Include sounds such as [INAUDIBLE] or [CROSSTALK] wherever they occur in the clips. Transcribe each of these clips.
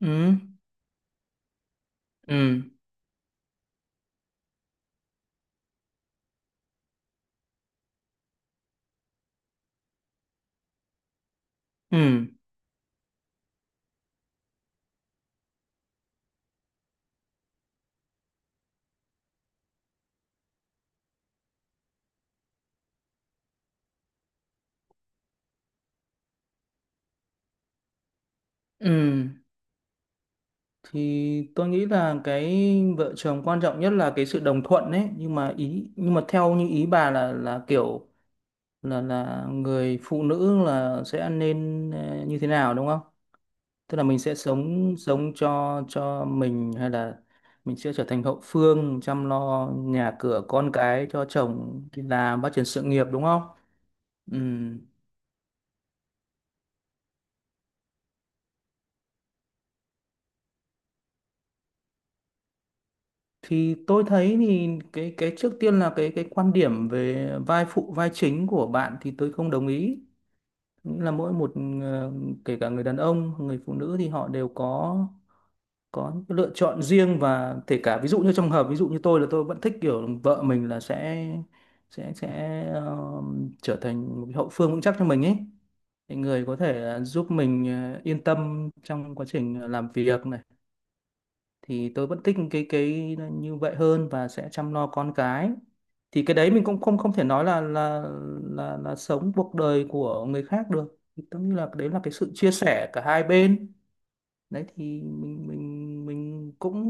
Ừ, ừ, ừ, ừ. Thì tôi nghĩ là cái vợ chồng quan trọng nhất là cái sự đồng thuận đấy. Nhưng mà theo như ý bà là kiểu là người phụ nữ là sẽ nên như thế nào, đúng không? Tức là mình sẽ sống sống cho mình, hay là mình sẽ trở thành hậu phương chăm lo nhà cửa con cái cho chồng đi làm phát triển sự nghiệp, đúng không? Ừ, thì tôi thấy, thì cái trước tiên là cái quan điểm về vai phụ vai chính của bạn thì tôi không đồng ý. Nghĩa là mỗi một ờ, kể cả người đàn ông người phụ nữ thì họ đều có những cái lựa chọn riêng, và kể cả ví dụ như trong hợp, ví dụ như tôi là tôi vẫn thích kiểu vợ mình là sẽ trở thành một cái hậu phương vững chắc cho mình ấy. Thì người có thể giúp mình yên tâm trong quá trình làm việc này, thì tôi vẫn thích cái như vậy hơn, và sẽ chăm lo con cái. Thì cái đấy mình cũng không không thể nói là sống cuộc đời của người khác được. Thì tôi nghĩ là đấy là cái sự chia sẻ cả hai bên đấy. Thì mình cũng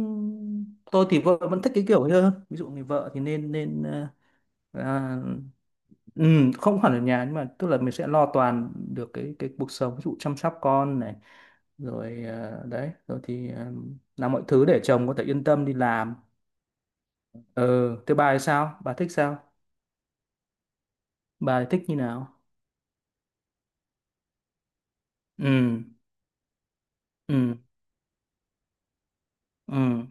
tôi thì vợ vẫn thích cái kiểu ấy hơn, ví dụ người vợ thì nên nên ờ, à, ừ, không hẳn ở nhà, nhưng mà tức là mình sẽ lo toàn được cái cuộc sống, ví dụ chăm sóc con này, rồi đấy, rồi thì làm mọi thứ để chồng có thể yên tâm đi làm. Ừ, thế bà thì sao, bà thích sao? Bà thì thích như nào? Ừ, ừ, ừ.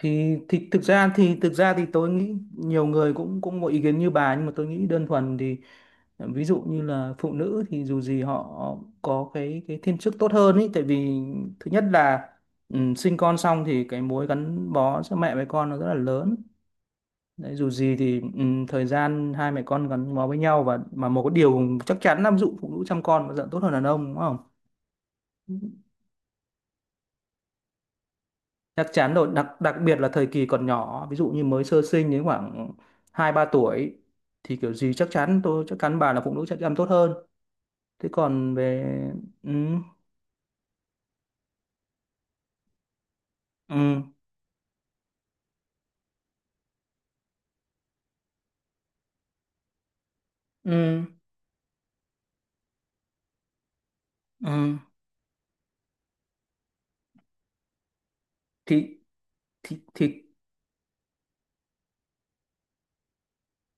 Thì thực ra thì tôi nghĩ nhiều người cũng cũng có ý kiến như bà, nhưng mà tôi nghĩ đơn thuần thì ví dụ như là phụ nữ thì dù gì họ có cái thiên chức tốt hơn ấy. Tại vì thứ nhất là sinh con xong thì cái mối gắn bó giữa mẹ với con nó rất là lớn. Đấy, dù gì thì thời gian hai mẹ con gắn bó với nhau, và mà một cái điều chắc chắn là ví dụ phụ nữ chăm con mà dạy tốt hơn đàn ông, đúng không? Chắc chắn rồi, đặc đặc biệt là thời kỳ còn nhỏ, ví dụ như mới sơ sinh đến khoảng hai ba tuổi, thì kiểu gì chắc chắn, tôi chắc chắn bà là phụ nữ chắc chắn tốt hơn. Thế còn về, ừ, ừ, ừ, ừ. thì thì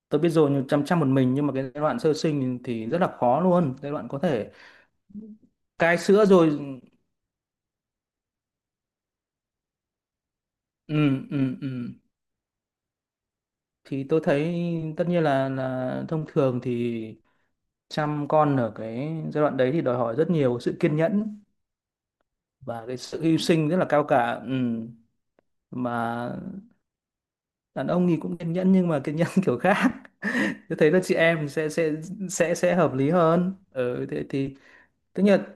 tôi biết rồi, nhưng chăm chăm một mình, nhưng mà cái giai đoạn sơ sinh thì rất là khó luôn, giai đoạn có thể cai sữa rồi. Ừ, ừ, ừ. Thì tôi thấy, tất nhiên là thông thường thì chăm con ở cái giai đoạn đấy thì đòi hỏi rất nhiều sự kiên nhẫn, và cái sự hy sinh rất là cao cả. Ừ. Mà đàn ông thì cũng kiên nhẫn, nhưng mà kiên nhẫn [LAUGHS] kiểu khác. Tôi thấy là chị em sẽ hợp lý hơn. Ừ, Thế thì, tức là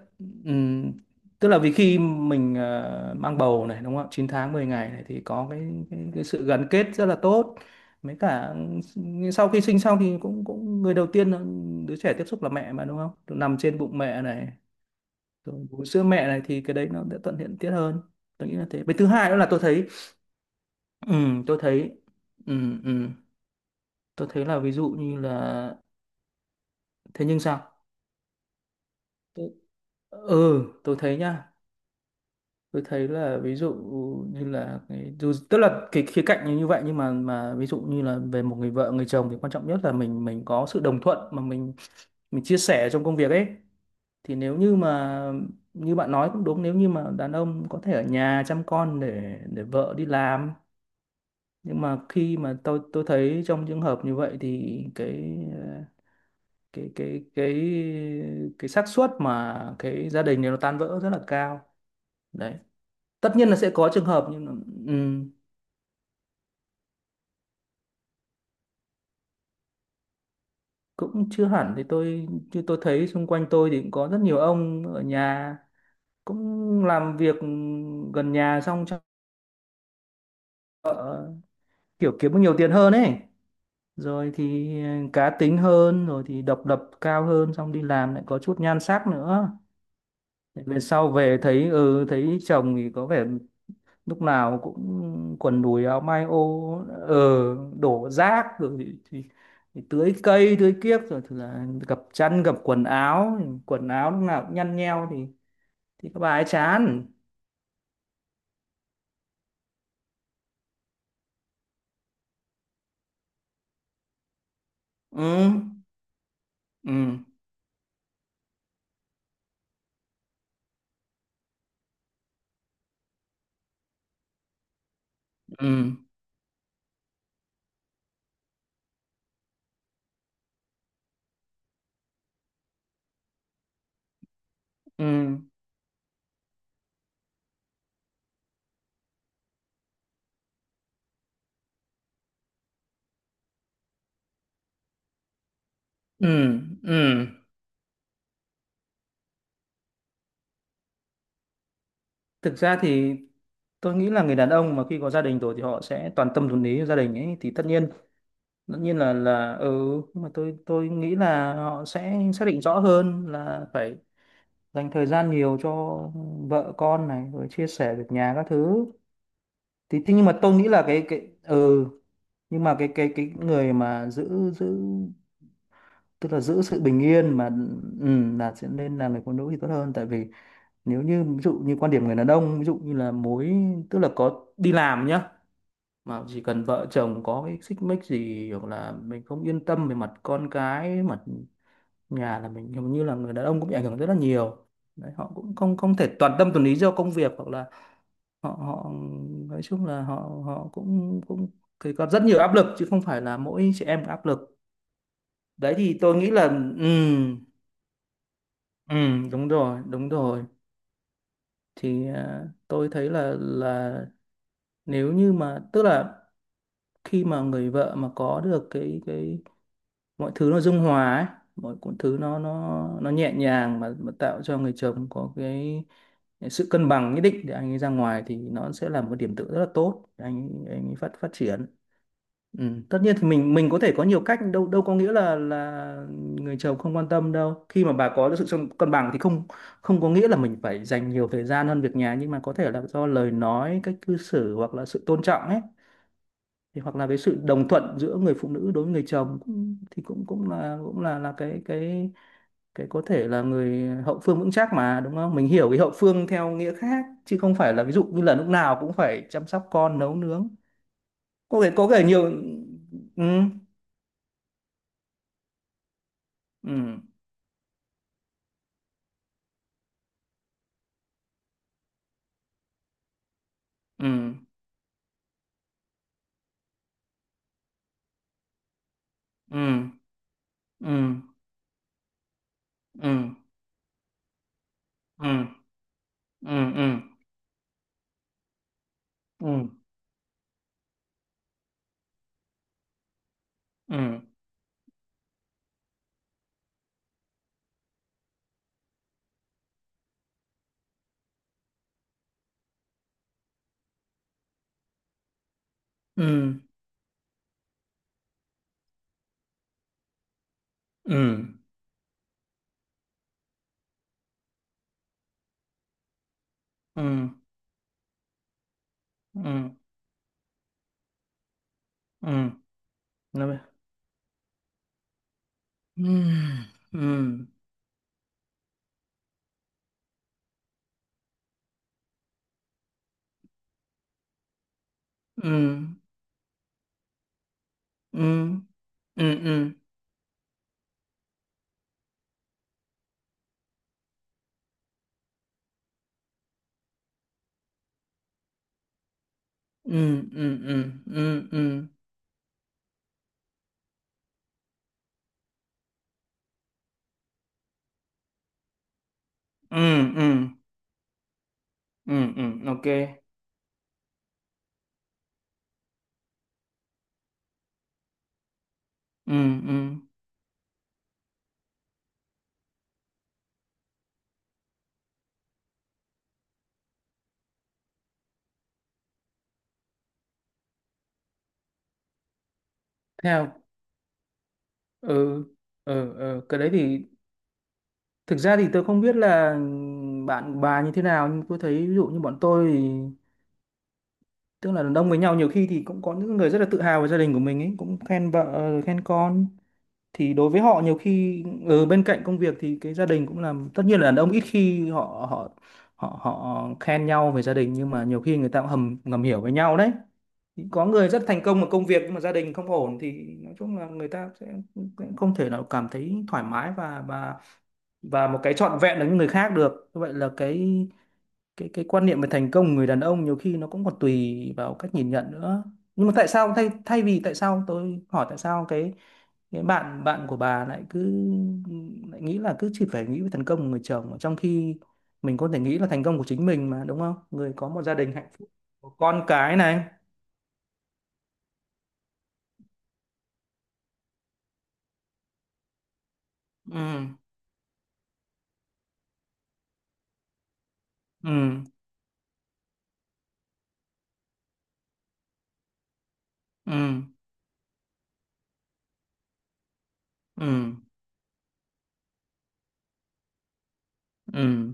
ừm, tức là vì khi mình mang bầu này, đúng không? 9 tháng 10 ngày này thì có cái sự gắn kết rất là tốt, mấy cả sau khi sinh xong, thì cũng cũng người đầu tiên đứa trẻ tiếp xúc là mẹ mà, đúng không? Nằm trên bụng mẹ này, rồi bú sữa mẹ này, thì cái đấy nó sẽ thuận tiện tiết hơn. Tôi nghĩ là thế. Với thứ hai nữa là ừ, tôi thấy ừ, ừ, tôi thấy là, ví dụ như là, thế nhưng sao? Tôi- tôi thấy nhá, tôi thấy là ví dụ như là cái, dù tức là cái khía cạnh như vậy, nhưng mà ví dụ như là về một người vợ người chồng thì quan trọng nhất là mình có sự đồng thuận, mà mình chia sẻ trong công việc ấy. Thì nếu như mà, như bạn nói cũng đúng, nếu như mà đàn ông có thể ở nhà chăm con để vợ đi làm, nhưng mà khi mà tôi thấy trong trường hợp như vậy thì cái ờ, cái cái cái cái xác suất mà cái gia đình này nó tan vỡ rất là cao đấy. Tất nhiên là sẽ có trường hợp, nhưng mà ừm, cũng chưa hẳn. Thì tôi Chứ tôi thấy xung quanh tôi thì cũng có rất nhiều ông ở nhà, cũng làm việc gần nhà, xong chắc kiểu kiếm được nhiều tiền hơn ấy, rồi thì cá tính hơn, rồi thì độc lập cao hơn, xong đi làm lại có chút nhan sắc nữa. Về sau về thấy chồng thì có vẻ lúc nào cũng quần đùi áo may ô, ờ, đổ rác, rồi thì tưới cây tưới kiếp, rồi thì là gập chăn gập quần áo, quần áo lúc nào cũng nhăn nheo, thì các bà ấy chán. Ừ, ừ, ừ, ừ, ừ, ừ. Thực ra thì tôi nghĩ là người đàn ông mà khi có gia đình rồi thì họ sẽ toàn tâm toàn ý cho gia đình ấy, thì tất nhiên là nhưng mà tôi nghĩ là họ sẽ xác định rõ hơn là phải dành thời gian nhiều cho vợ con này, rồi chia sẻ việc nhà các thứ. Thì thế, nhưng mà tôi nghĩ là cái ừ nhưng mà cái người mà giữ giữ tức là giữ sự bình yên, mà ừ, là sẽ nên là người phụ nữ thì tốt hơn. Tại vì nếu như ví dụ như quan điểm người đàn ông, ví dụ như là mối, tức là có đi làm nhá, mà chỉ cần vợ chồng có cái xích mích gì, hoặc là mình không yên tâm về mặt con cái, mặt nhà, là mình hầu như là người đàn ông cũng bị ảnh hưởng rất là nhiều đấy. Họ cũng không không thể toàn tâm toàn ý do công việc, hoặc là họ họ nói chung là họ họ cũng cũng thì có rất nhiều áp lực, chứ không phải là mỗi chị em có áp lực đấy. Thì tôi nghĩ là, ừ, ừ, đúng rồi, đúng rồi. Thì à, tôi thấy là, nếu như mà tức là khi mà người vợ mà có được cái mọi thứ nó dung hòa ấy, mọi cuốn thứ nó nhẹ nhàng, mà tạo cho người chồng có cái sự cân bằng nhất định để anh ấy ra ngoài, thì nó sẽ là một điểm tựa rất là tốt để anh ấy phát phát triển. Ừ. Tất nhiên thì mình có thể có nhiều cách, đâu đâu có nghĩa là người chồng không quan tâm đâu. Khi mà bà có được sự cân cân bằng thì không không có nghĩa là mình phải dành nhiều thời gian hơn việc nhà, nhưng mà có thể là do lời nói, cách cư xử hoặc là sự tôn trọng ấy. Thì hoặc là cái sự đồng thuận giữa người phụ nữ đối với người chồng cũng, thì cũng cũng là cái có thể là người hậu phương vững chắc mà, đúng không? Mình hiểu cái hậu phương theo nghĩa khác, chứ không phải là ví dụ như là lúc nào cũng phải chăm sóc con nấu nướng. Có thể nhiều. Ừ, ừ, ừ, ừ, ừ, ừ, ừ, ừ, ừ, ừ, ừ, ừ, ừ, ừ, ừ, ừ, ừ, ừ, ừ, ừ, ừ, ừ, ừ, ừ, ừ, ừ, ừ, ừ, ừ, ừ, ừ, ừ, ok, ừ, ừ, theo ừ, ừ, ừ. Cái đấy thì thực ra thì tôi không biết là bạn bà như thế nào, nhưng tôi thấy ví dụ như bọn tôi thì, tức là đàn ông với nhau nhiều khi thì cũng có những người rất là tự hào về gia đình của mình ấy, cũng khen vợ, khen con. Thì đối với họ nhiều khi ở bên cạnh công việc thì cái gia đình cũng làm, tất nhiên là đàn ông ít khi họ họ họ họ khen nhau về gia đình, nhưng mà nhiều khi người ta cũng hầm ngầm hiểu với nhau đấy. Có người rất thành công ở công việc nhưng mà gia đình không ổn, thì nói chung là người ta sẽ không thể nào cảm thấy thoải mái, và một cái trọn vẹn được như người khác. Được như vậy là cái quan niệm về thành công của người đàn ông, nhiều khi nó cũng còn tùy vào cách nhìn nhận nữa. Nhưng mà tại sao, thay thay vì tại sao, tôi hỏi tại sao cái bạn bạn của bà lại cứ lại nghĩ là cứ chỉ phải nghĩ về thành công của người chồng, trong khi mình có thể nghĩ là thành công của chính mình mà, đúng không? Người có một gia đình hạnh phúc, có con cái này. Ừ, ừ, ừ, ừ, ừ,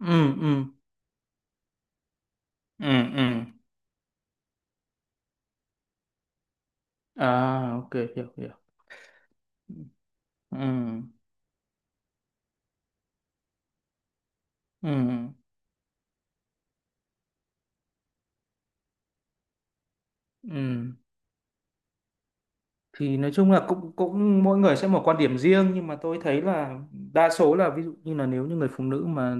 ừ, ừ, ừ, ừ, à, ok, hiểu hiểu. Ừ, ừ, ừ, ừ. Thì nói chung là cũng cũng mỗi người sẽ một quan điểm riêng, nhưng mà tôi thấy là đa số là, ví dụ như là nếu như người phụ nữ mà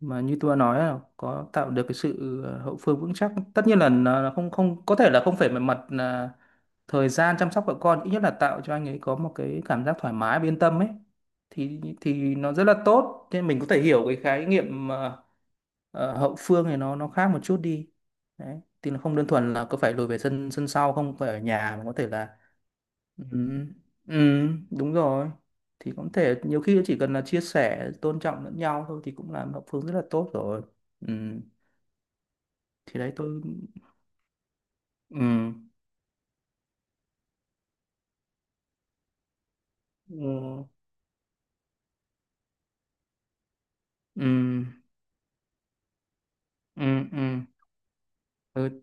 như tôi đã nói là có tạo được cái sự hậu phương vững chắc, tất nhiên là nó không không có thể là không phải về mặt là thời gian chăm sóc vợ con, ít nhất là tạo cho anh ấy có một cái cảm giác thoải mái và yên tâm ấy, thì nó rất là tốt, nên mình có thể hiểu cái khái niệm hậu phương này nó khác một chút đi. Đấy thì nó không đơn thuần là cứ phải lùi về sân sân sau, không phải ở nhà mà có thể là, ừ, ừ, đúng rồi. Thì cũng thể nhiều khi chỉ cần là chia sẻ tôn trọng lẫn nhau thôi thì cũng là một phương rất là tốt rồi. Ừ, thì đấy tôi, ừ, ừ, ừ, ừ, ừ, ừ,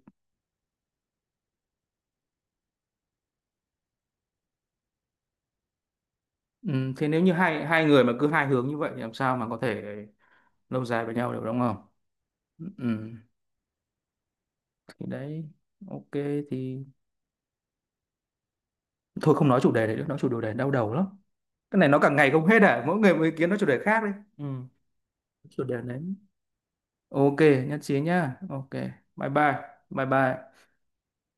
ừ. Thế nếu như hai hai người mà cứ hai hướng như vậy thì làm sao mà có thể lâu dài với nhau được, đúng không? Ừ, thì đấy, ok. Thì thôi không nói chủ đề này nữa, nói chủ đề này đau đầu lắm. Cái này nó càng ngày không hết à, mỗi người một ý kiến, nói chủ đề khác đi. Ừ. Chủ đề đấy. Ok, nhất trí nhá. Ok, bye bye, bye bye.